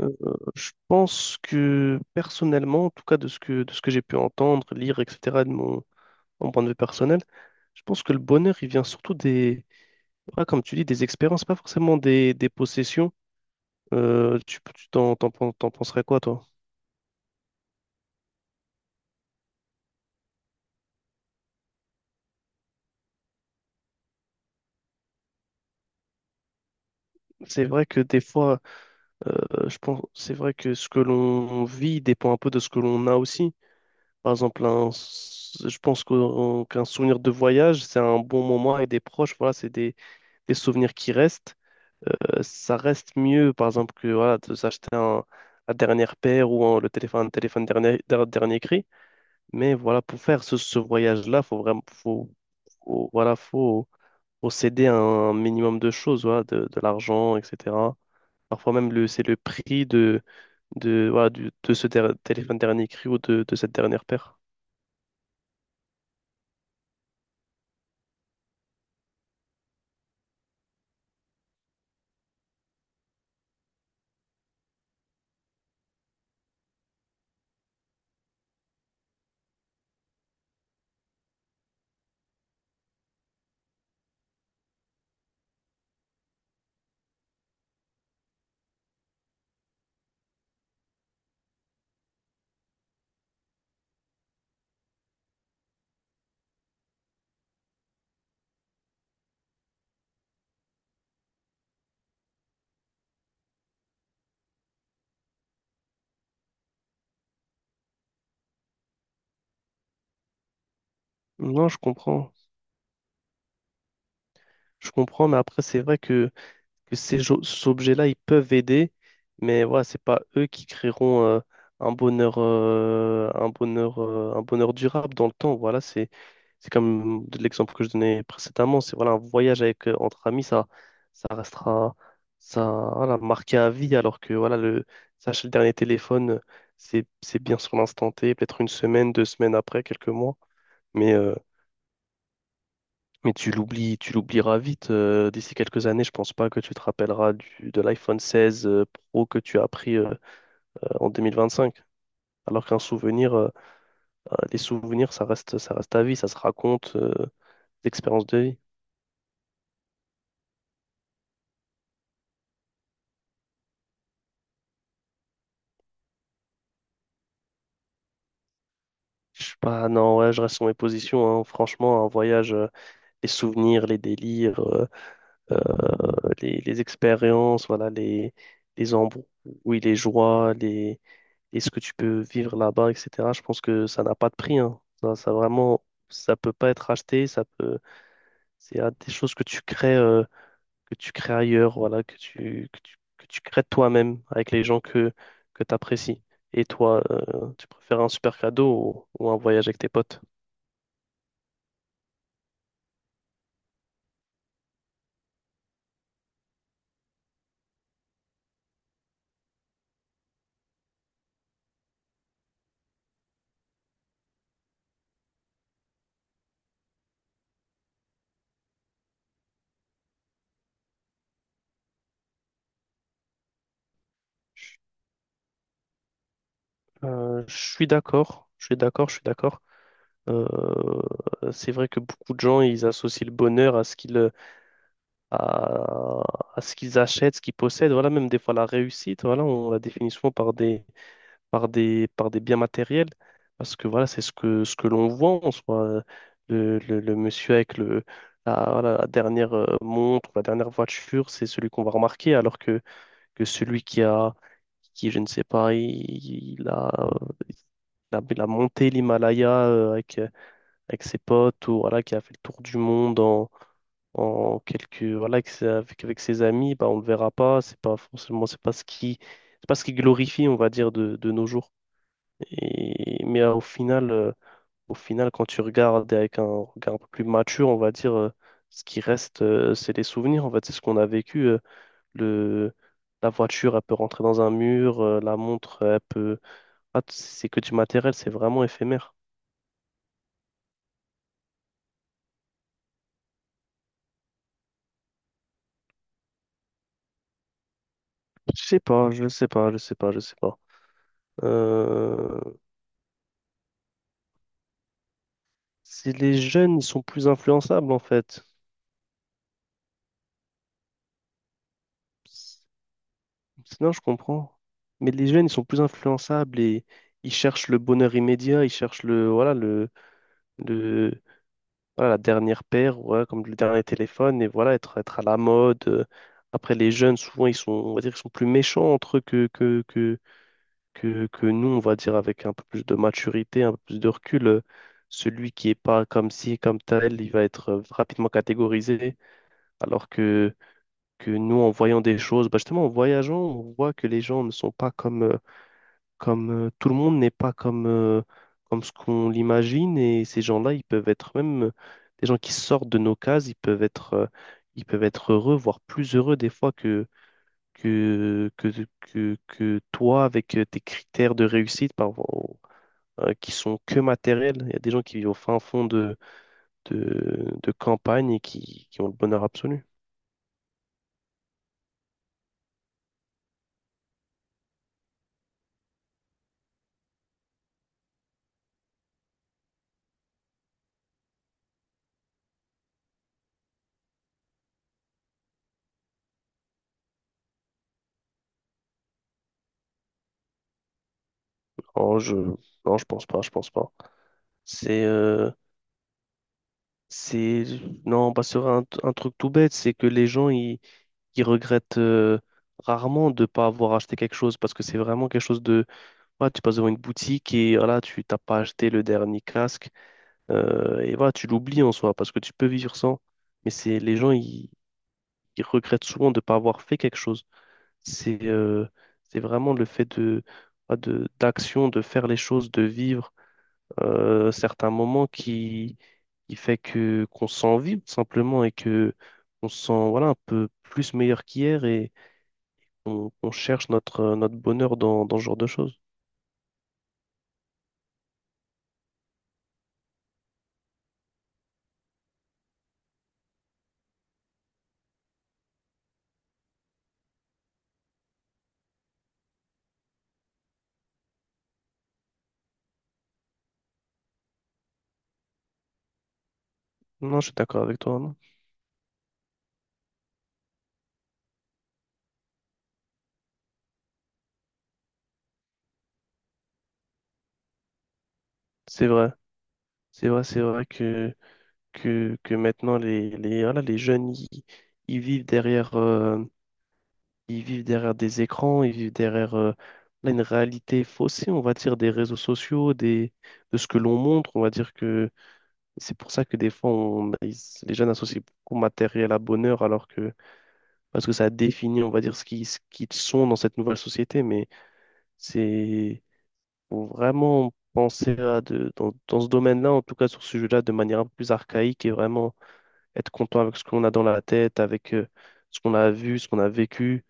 Euh, je pense que personnellement, en tout cas de ce que j'ai pu entendre, lire, etc., de mon point de vue personnel, je pense que le bonheur, il vient surtout voilà, comme tu dis, des expériences, pas forcément des possessions. Tu t'en penserais quoi, toi? C'est vrai que des fois, je pense, c'est vrai que ce que l'on vit dépend un peu de ce que l'on a aussi. Par exemple, je pense qu'un souvenir de voyage, c'est un bon moment avec des proches, voilà, c'est des souvenirs qui restent. Ça reste mieux, par exemple, que voilà, de s'acheter la dernière paire ou le téléphone dernier cri. Mais voilà, pour faire ce voyage-là, faut vraiment, voilà, faut céder à un minimum de choses, voilà, de l'argent, etc. Parfois même, c'est le prix voilà, de ce téléphone dernier cri ou de cette dernière paire. Non, je comprends. Je comprends, mais après, c'est vrai que que ces objets-là, ils peuvent aider, mais voilà, c'est pas eux qui créeront un bonheur durable dans le temps. Voilà, c'est comme de l'exemple que je donnais précédemment. C'est voilà, un voyage avec entre amis, ça restera ça voilà, marqué à vie, alors que voilà le s'acheter le dernier téléphone, c'est bien sur l'instant T, peut-être une semaine, deux semaines après, quelques mois, mais mais tu l'oublies, tu l'oublieras vite. D'ici quelques années, je pense pas que tu te rappelleras de l'iPhone 16 Pro que tu as pris en 2025. Alors qu'un souvenir, les souvenirs, ça reste à vie, ça se raconte, l'expérience de vie. Je sais pas, non, ouais, je reste sur mes positions, hein. Franchement, un voyage, les souvenirs, les délires, euh, les expériences, voilà, les embrouilles, les joies, et ce que tu peux vivre là-bas, etc. Je pense que ça n'a pas de prix, hein. Ça vraiment, ça peut pas être acheté, c'est des choses que tu crées ailleurs, voilà, que tu crées toi-même avec les gens que tu apprécies. Et toi, tu préfères un super cadeau ou un voyage avec tes potes? Je je suis d'accord, je suis d'accord, je suis d'accord. Euh, c'est vrai que beaucoup de gens, ils associent le bonheur à, à ce qu'ils achètent, ce qu'ils possèdent. Voilà, même des fois la réussite, voilà, on la définit souvent par des, par des biens matériels, parce que voilà, c'est ce que l'on voit en soi. Le monsieur avec la, voilà, la dernière montre, la dernière voiture, c'est celui qu'on va remarquer, alors que celui je ne sais pas, il a monté l'Himalaya avec ses potes, ou voilà, qui a fait le tour du monde en quelques voilà avec ses amis, bah on le verra pas, c'est pas forcément, c'est pas ce qui glorifie, on va dire, de nos jours. Et mais au final quand tu regardes avec un regard un peu plus mature, on va dire, ce qui reste, c'est les souvenirs, en fait, c'est ce qu'on a vécu. Le La voiture, elle peut rentrer dans un mur. La montre, elle peut... Ah, c'est que du matériel, c'est vraiment éphémère. Je sais pas, je sais pas, je sais pas, je sais pas. Euh, C'est les jeunes, ils sont plus influençables, en fait. C'est- Sinon, je comprends. Mais les jeunes, ils sont plus influençables et ils cherchent le bonheur immédiat, ils cherchent le, voilà, la dernière paire, ouais, comme le dernier téléphone, et voilà, être à la mode. Après, les jeunes, souvent, on va dire, ils sont plus méchants entre eux que nous, on va dire, avec un peu plus de maturité, un peu plus de recul. Celui qui est pas comme ci, comme tel, il va être rapidement catégorisé, alors que nous, en voyant des choses, bah, justement, en voyageant, on voit que les gens ne sont pas comme tout le monde n'est pas comme ce qu'on l'imagine. Et ces gens-là, ils peuvent être même des gens qui sortent de nos cases, ils peuvent être heureux, voire plus heureux des fois que, que, que toi, avec tes critères de réussite, qui sont que matériels. Il y a des gens qui vivent au fin fond de campagne et qui ont le bonheur absolu. Oh, non, je pense pas, je pense pas. C'est euh, c'est non, pas sur un truc tout bête, c'est que les gens ils regrettent rarement de pas avoir acheté quelque chose parce que c'est vraiment quelque chose de voilà, tu passes devant une boutique et voilà, tu t'as pas acheté le dernier casque, et voilà, tu l'oublies en soi parce que tu peux vivre sans. Mais c'est les gens ils regrettent souvent de pas avoir fait quelque chose. C'est euh, c'est vraiment le fait de voilà, de d'action, de faire les choses, de vivre certains moments qui fait que qu'on s'envie tout simplement et que on se sent voilà, un peu plus meilleur qu'hier et on cherche notre bonheur dans ce genre de choses. Non, je suis d'accord avec toi, non. C'est vrai, c'est vrai, c'est vrai que maintenant voilà, les jeunes ils vivent derrière, ils vivent derrière des écrans, ils vivent derrière là, une réalité faussée, on va dire, des réseaux sociaux, de ce que l'on montre. On va dire que c'est pour ça que des fois, les jeunes associent beaucoup matériel à bonheur, alors que, parce que ça définit, on va dire, ce qu'ils sont dans cette nouvelle société. Mais c'est, faut vraiment penser dans ce domaine-là, en tout cas sur ce sujet-là, de manière un peu plus archaïque et vraiment être content avec ce qu'on a dans la tête, avec ce qu'on a vu, ce qu'on a vécu.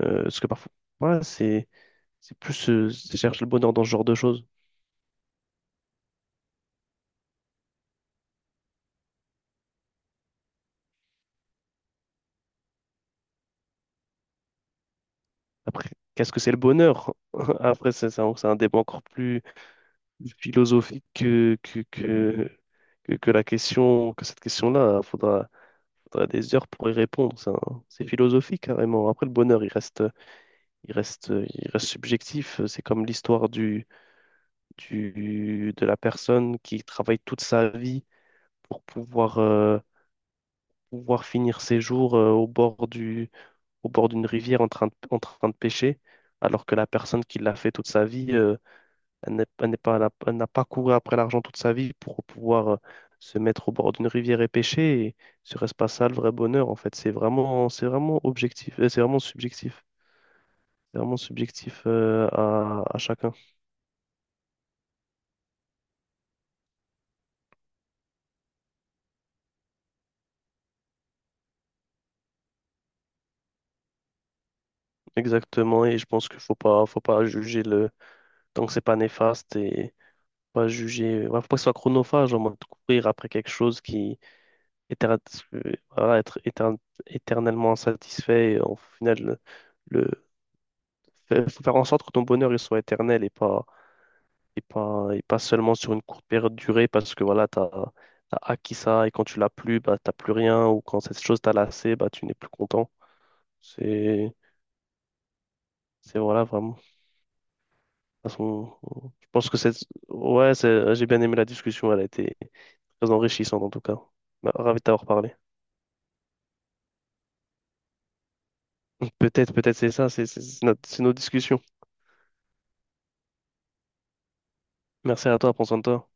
Ce que parfois, voilà, c'est je cherche le bonheur dans ce genre de choses. Après, qu'est-ce que c'est le bonheur? Après, c'est un c'est un débat encore plus philosophique que que cette question-là. Il faudra des heures pour y répondre. C'est philosophique carrément. Après, le bonheur, il reste subjectif. C'est comme l'histoire de la personne qui travaille toute sa vie pour pouvoir finir ses jours, au bord d'une rivière en train de pêcher, alors que la personne qui l'a fait toute sa vie, elle elle n'a pas couru après l'argent toute sa vie pour pouvoir se mettre au bord d'une rivière et pêcher. Et ce reste pas ça le vrai bonheur, en fait. C'est vraiment objectif, c'est vraiment subjectif. C'est vraiment subjectif à chacun. Exactement. Et je pense qu'il faut pas juger le tant que c'est pas néfaste et pas juger. Ouais, faut pas que ce soit chronophage en mode courir après quelque chose éter- voilà, être éternellement insatisfait. Et au final, le, faut faire en sorte que ton bonheur il soit éternel et pas, seulement sur une courte période de durée parce que voilà, t'as acquis ça et quand tu l'as plus, bah, t'as plus rien ou quand cette chose t'a lassé, bah, tu n'es plus content. C'est, c'est voilà, vraiment. De toute façon, je pense que ouais, j'ai bien aimé la discussion, elle a été très enrichissante en tout cas. Bah, ravi de t'avoir parlé. Peut-être, peut-être c'est ça, c'est nos discussions. Merci à toi, prends soin de toi.